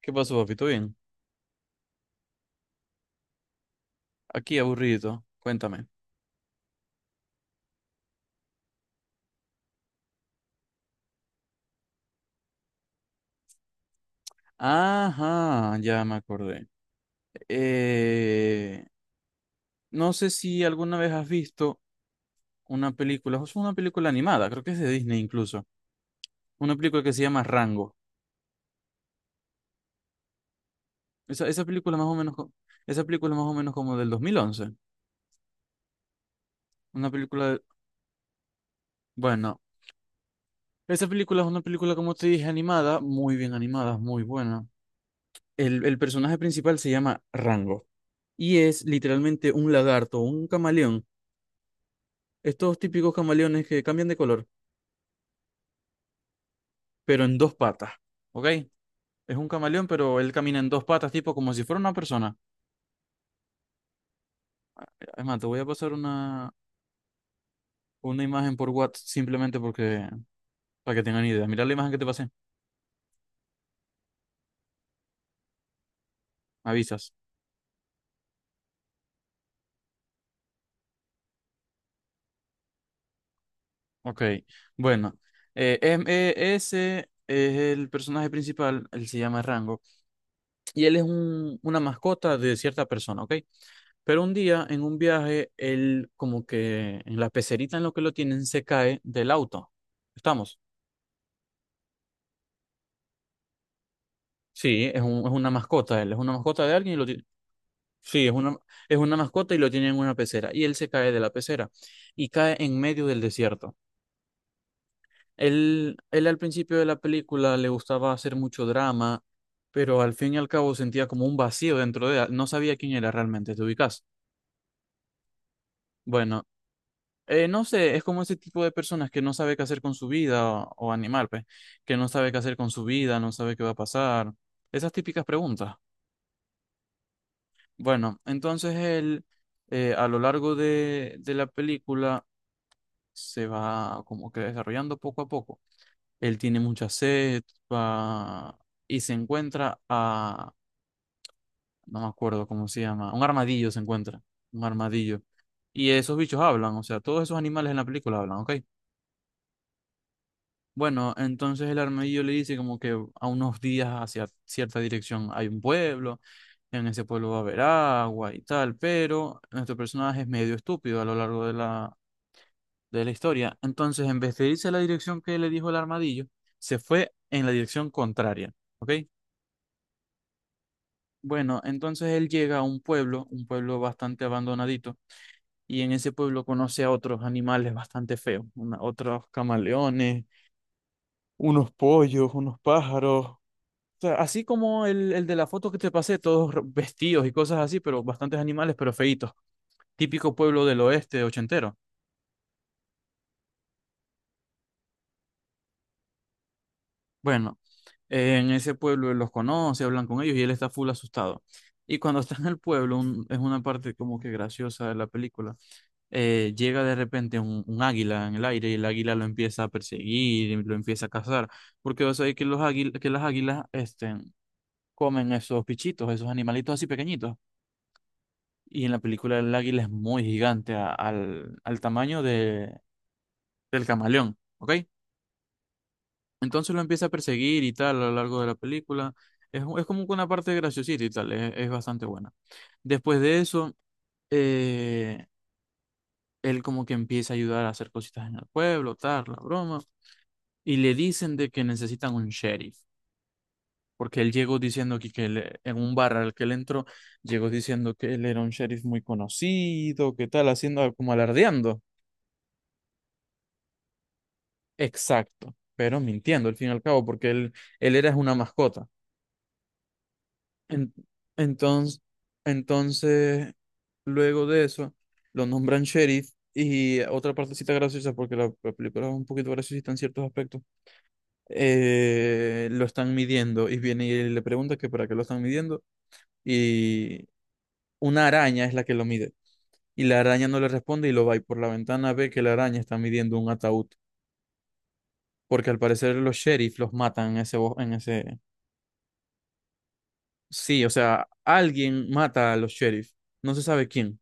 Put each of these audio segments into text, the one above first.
¿Qué pasó, papito? Bien. Aquí aburrido. Cuéntame. Ajá, ya me acordé. Eh, no sé si alguna vez has visto una película, o sea, una película animada, creo que es de Disney incluso. Una película que se llama Rango. Esa película más o menos, esa película más o menos como del 2011. Una película, bueno, esa película es una película, como te dije, animada, muy bien animada, muy buena. El personaje principal se llama Rango y es literalmente un lagarto, un camaleón. Estos típicos camaleones que cambian de color, pero en dos patas, ¿ok? Es un camaleón, pero él camina en dos patas, tipo como si fuera una persona. Es más, te voy a pasar una imagen por WhatsApp simplemente porque, para que tengan idea. Mira la imagen que te pasé, me avisas. Ok, bueno. Ese es el personaje principal, él se llama Rango, y él es un, una mascota de cierta persona, ¿ok? Pero un día, en un viaje, él como que en la pecerita en lo que lo tienen se cae del auto. ¿Estamos? Sí, es un, es una mascota, él es una mascota de alguien y lo tiene. Sí, es una mascota y lo tiene en una pecera. Y él se cae de la pecera y cae en medio del desierto. Él al principio de la película le gustaba hacer mucho drama, pero al fin y al cabo sentía como un vacío dentro de él. No sabía quién era realmente, ¿te ubicas? Bueno, no sé, es como ese tipo de personas que no sabe qué hacer con su vida o animal, pues, que no sabe qué hacer con su vida, no sabe qué va a pasar. Esas típicas preguntas. Bueno, entonces él a lo largo de la película se va como que desarrollando poco a poco. Él tiene mucha sed va- y se encuentra a, no me acuerdo cómo se llama, un armadillo se encuentra, un armadillo. Y esos bichos hablan, o sea, todos esos animales en la película hablan, ¿ok? Bueno, entonces el armadillo le dice como que a unos días hacia cierta dirección hay un pueblo, en ese pueblo va a haber agua y tal, pero nuestro personaje es medio estúpido a lo largo de la historia. Entonces, en vez de irse a la dirección que le dijo el armadillo, se fue en la dirección contraria, ¿ok? Bueno, entonces él llega a un pueblo bastante abandonadito, y en ese pueblo conoce a otros animales bastante feos, otros camaleones, unos pollos, unos pájaros, sea, así como el de la foto que te pasé, todos vestidos y cosas así, pero bastantes animales, pero feitos. Típico pueblo del oeste ochentero. Bueno, en ese pueblo él los conoce, hablan con ellos y él está full asustado. Y cuando está en el pueblo, es una parte como que graciosa de la película, llega de repente un águila en el aire y el águila lo empieza a perseguir, y lo empieza a cazar, porque vas a ver que, los que las águilas este, comen esos pichitos, esos animalitos así pequeñitos. Y en la película el águila es muy gigante al, al tamaño de, del camaleón, ¿ok? Entonces lo empieza a perseguir y tal a lo largo de la película. Es como que una parte graciosita y tal, es bastante buena. Después de eso, eh, él como que empieza a ayudar a hacer cositas en el pueblo, tal, la broma. Y le dicen de que necesitan un sheriff, porque él llegó diciendo que él, en un bar al que él entró, llegó diciendo que él era un sheriff muy conocido, que tal, haciendo como alardeando. Exacto, pero mintiendo al fin y al cabo, porque él era una mascota. En- entonces, entonces, luego de eso, lo nombran sheriff y otra partecita graciosa, porque la película es un poquito graciosita en ciertos aspectos, lo están midiendo y viene y le pregunta que para qué lo están midiendo y una araña es la que lo mide. Y la araña no le responde y lo va y por la ventana ve que la araña está midiendo un ataúd, porque al parecer los sheriff los matan en ese, en ese, sí, o sea, alguien mata a los sheriff, no se sabe quién.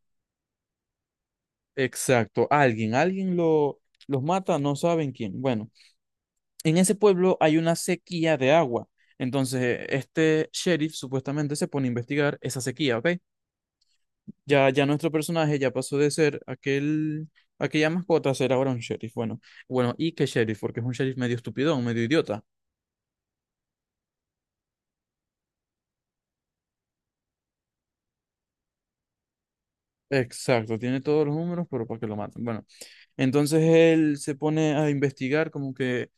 Exacto, alguien, alguien lo, los mata, no saben quién. Bueno, en ese pueblo hay una sequía de agua. Entonces, este sheriff supuestamente se pone a investigar esa sequía, ¿ok? Ya, ya nuestro personaje ya pasó de ser aquel, aquella mascota a ser ahora un sheriff. Bueno, bueno, ¿y qué sheriff? Porque es un sheriff medio estupidón, medio idiota. Exacto, tiene todos los números, pero para que lo maten. Bueno, entonces él se pone a investigar como que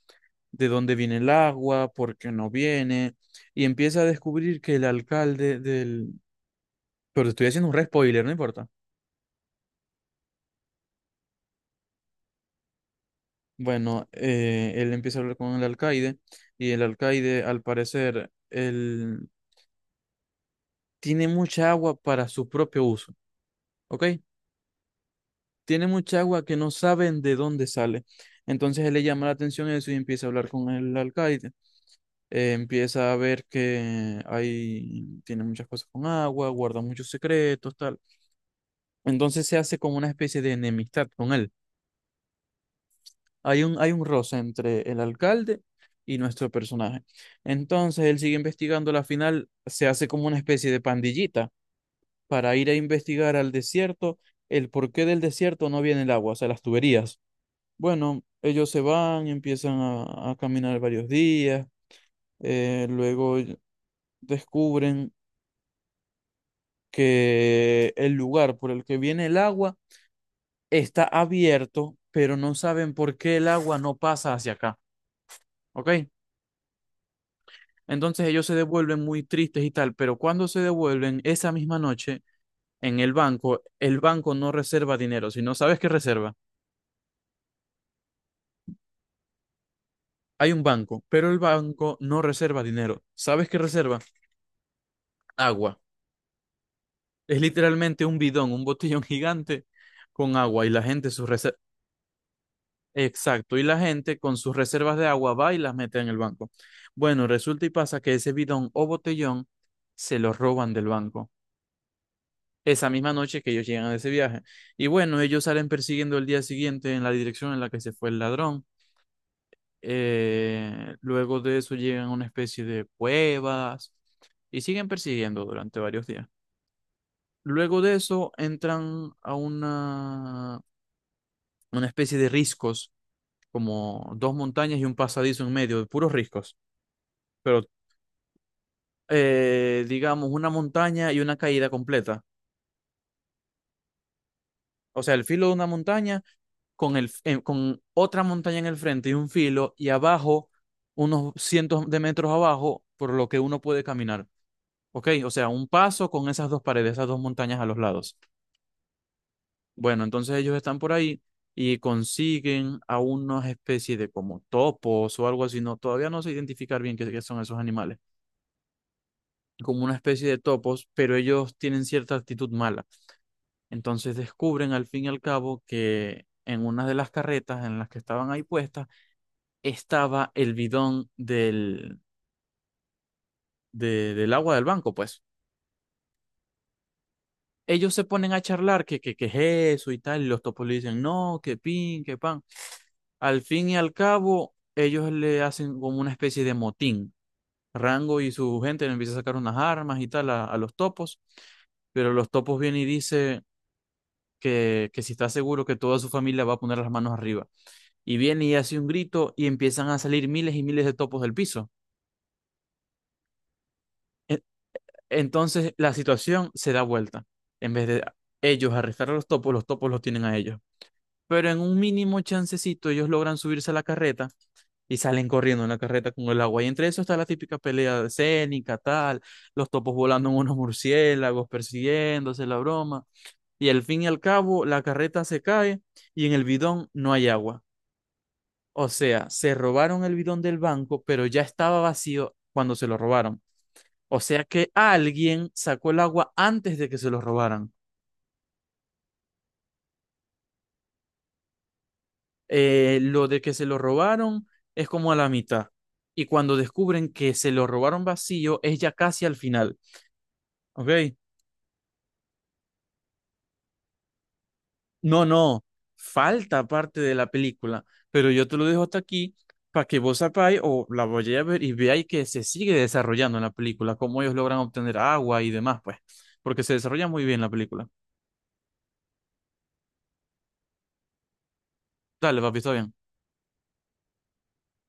de dónde viene el agua, por qué no viene, y empieza a descubrir que el alcalde del... Pero estoy haciendo un re spoiler, no importa. Bueno, él empieza a hablar con el alcaide y el alcaide, al parecer, él tiene mucha agua para su propio uso, ¿ok? Tiene mucha agua que no saben de dónde sale. Entonces él le llama la atención eso y empieza a hablar con el alcaide. Empieza a ver que hay, tiene muchas cosas con agua, guarda muchos secretos, tal. Entonces se hace como una especie de enemistad con él. Hay un roce entre el alcalde y nuestro personaje. Entonces él sigue investigando, la final se hace como una especie de pandillita para ir a investigar al desierto, el porqué del desierto no viene el agua, o sea, las tuberías. Bueno, ellos se van, empiezan a caminar varios días, luego descubren que el lugar por el que viene el agua está abierto, pero no saben por qué el agua no pasa hacia acá, ¿ok? Entonces ellos se devuelven muy tristes y tal, pero cuando se devuelven esa misma noche en el banco no reserva dinero, si no sabes qué reserva, hay un banco, pero el banco no reserva dinero, ¿sabes qué reserva? Agua. Es literalmente un bidón, un botellón gigante con agua y la gente su exacto, y la gente con sus reservas de agua va y las mete en el banco. Bueno, resulta y pasa que ese bidón o botellón se lo roban del banco esa misma noche que ellos llegan de ese viaje. Y bueno, ellos salen persiguiendo el día siguiente en la dirección en la que se fue el ladrón. Luego de eso llegan a una especie de cuevas y siguen persiguiendo durante varios días. Luego de eso entran a una especie de riscos, como dos montañas y un pasadizo en medio, de puros riscos. Pero digamos una montaña y una caída completa. O sea, el filo de una montaña con, el, con otra montaña en el frente y un filo y abajo, unos cientos de metros abajo, por lo que uno puede caminar. ¿Ok? O sea, un paso con esas dos paredes, esas dos montañas a los lados. Bueno, entonces ellos están por ahí y consiguen a unas especies de como topos o algo así. No, todavía no sé identificar bien qué, qué son esos animales. Como una especie de topos, pero ellos tienen cierta actitud mala. Entonces descubren al fin y al cabo que en una de las carretas en las que estaban ahí puestas estaba el bidón del, del agua del banco, pues. Ellos se ponen a charlar que es eso y tal, y los topos le dicen, no, que pin, que pan. Al fin y al cabo, ellos le hacen como una especie de motín. Rango y su gente le empieza a sacar unas armas y tal a los topos, pero los topos vienen y dice que si está seguro que toda su familia va a poner las manos arriba. Y viene y hace un grito y empiezan a salir miles y miles de topos del piso. E- Entonces la situación se da vuelta. En vez de ellos arrestar a los topos, los topos los tienen a ellos. Pero en un mínimo chancecito ellos logran subirse a la carreta y salen corriendo en la carreta con el agua. Y entre eso está la típica pelea escénica, tal, los topos volando en unos murciélagos, persiguiéndose la broma. Y al fin y al cabo la carreta se cae y en el bidón no hay agua. O sea, se robaron el bidón del banco, pero ya estaba vacío cuando se lo robaron. O sea que alguien sacó el agua antes de que se lo robaran. Lo de que se lo robaron es como a la mitad. Y cuando descubren que se lo robaron vacío, es ya casi al final. ¿Ok? No, no. Falta parte de la película. Pero yo te lo dejo hasta aquí para que vos sepáis o la vayáis a ver y veáis que se sigue desarrollando en la película, cómo ellos logran obtener agua y demás, pues porque se desarrolla muy bien la película. Dale, papi, está bien.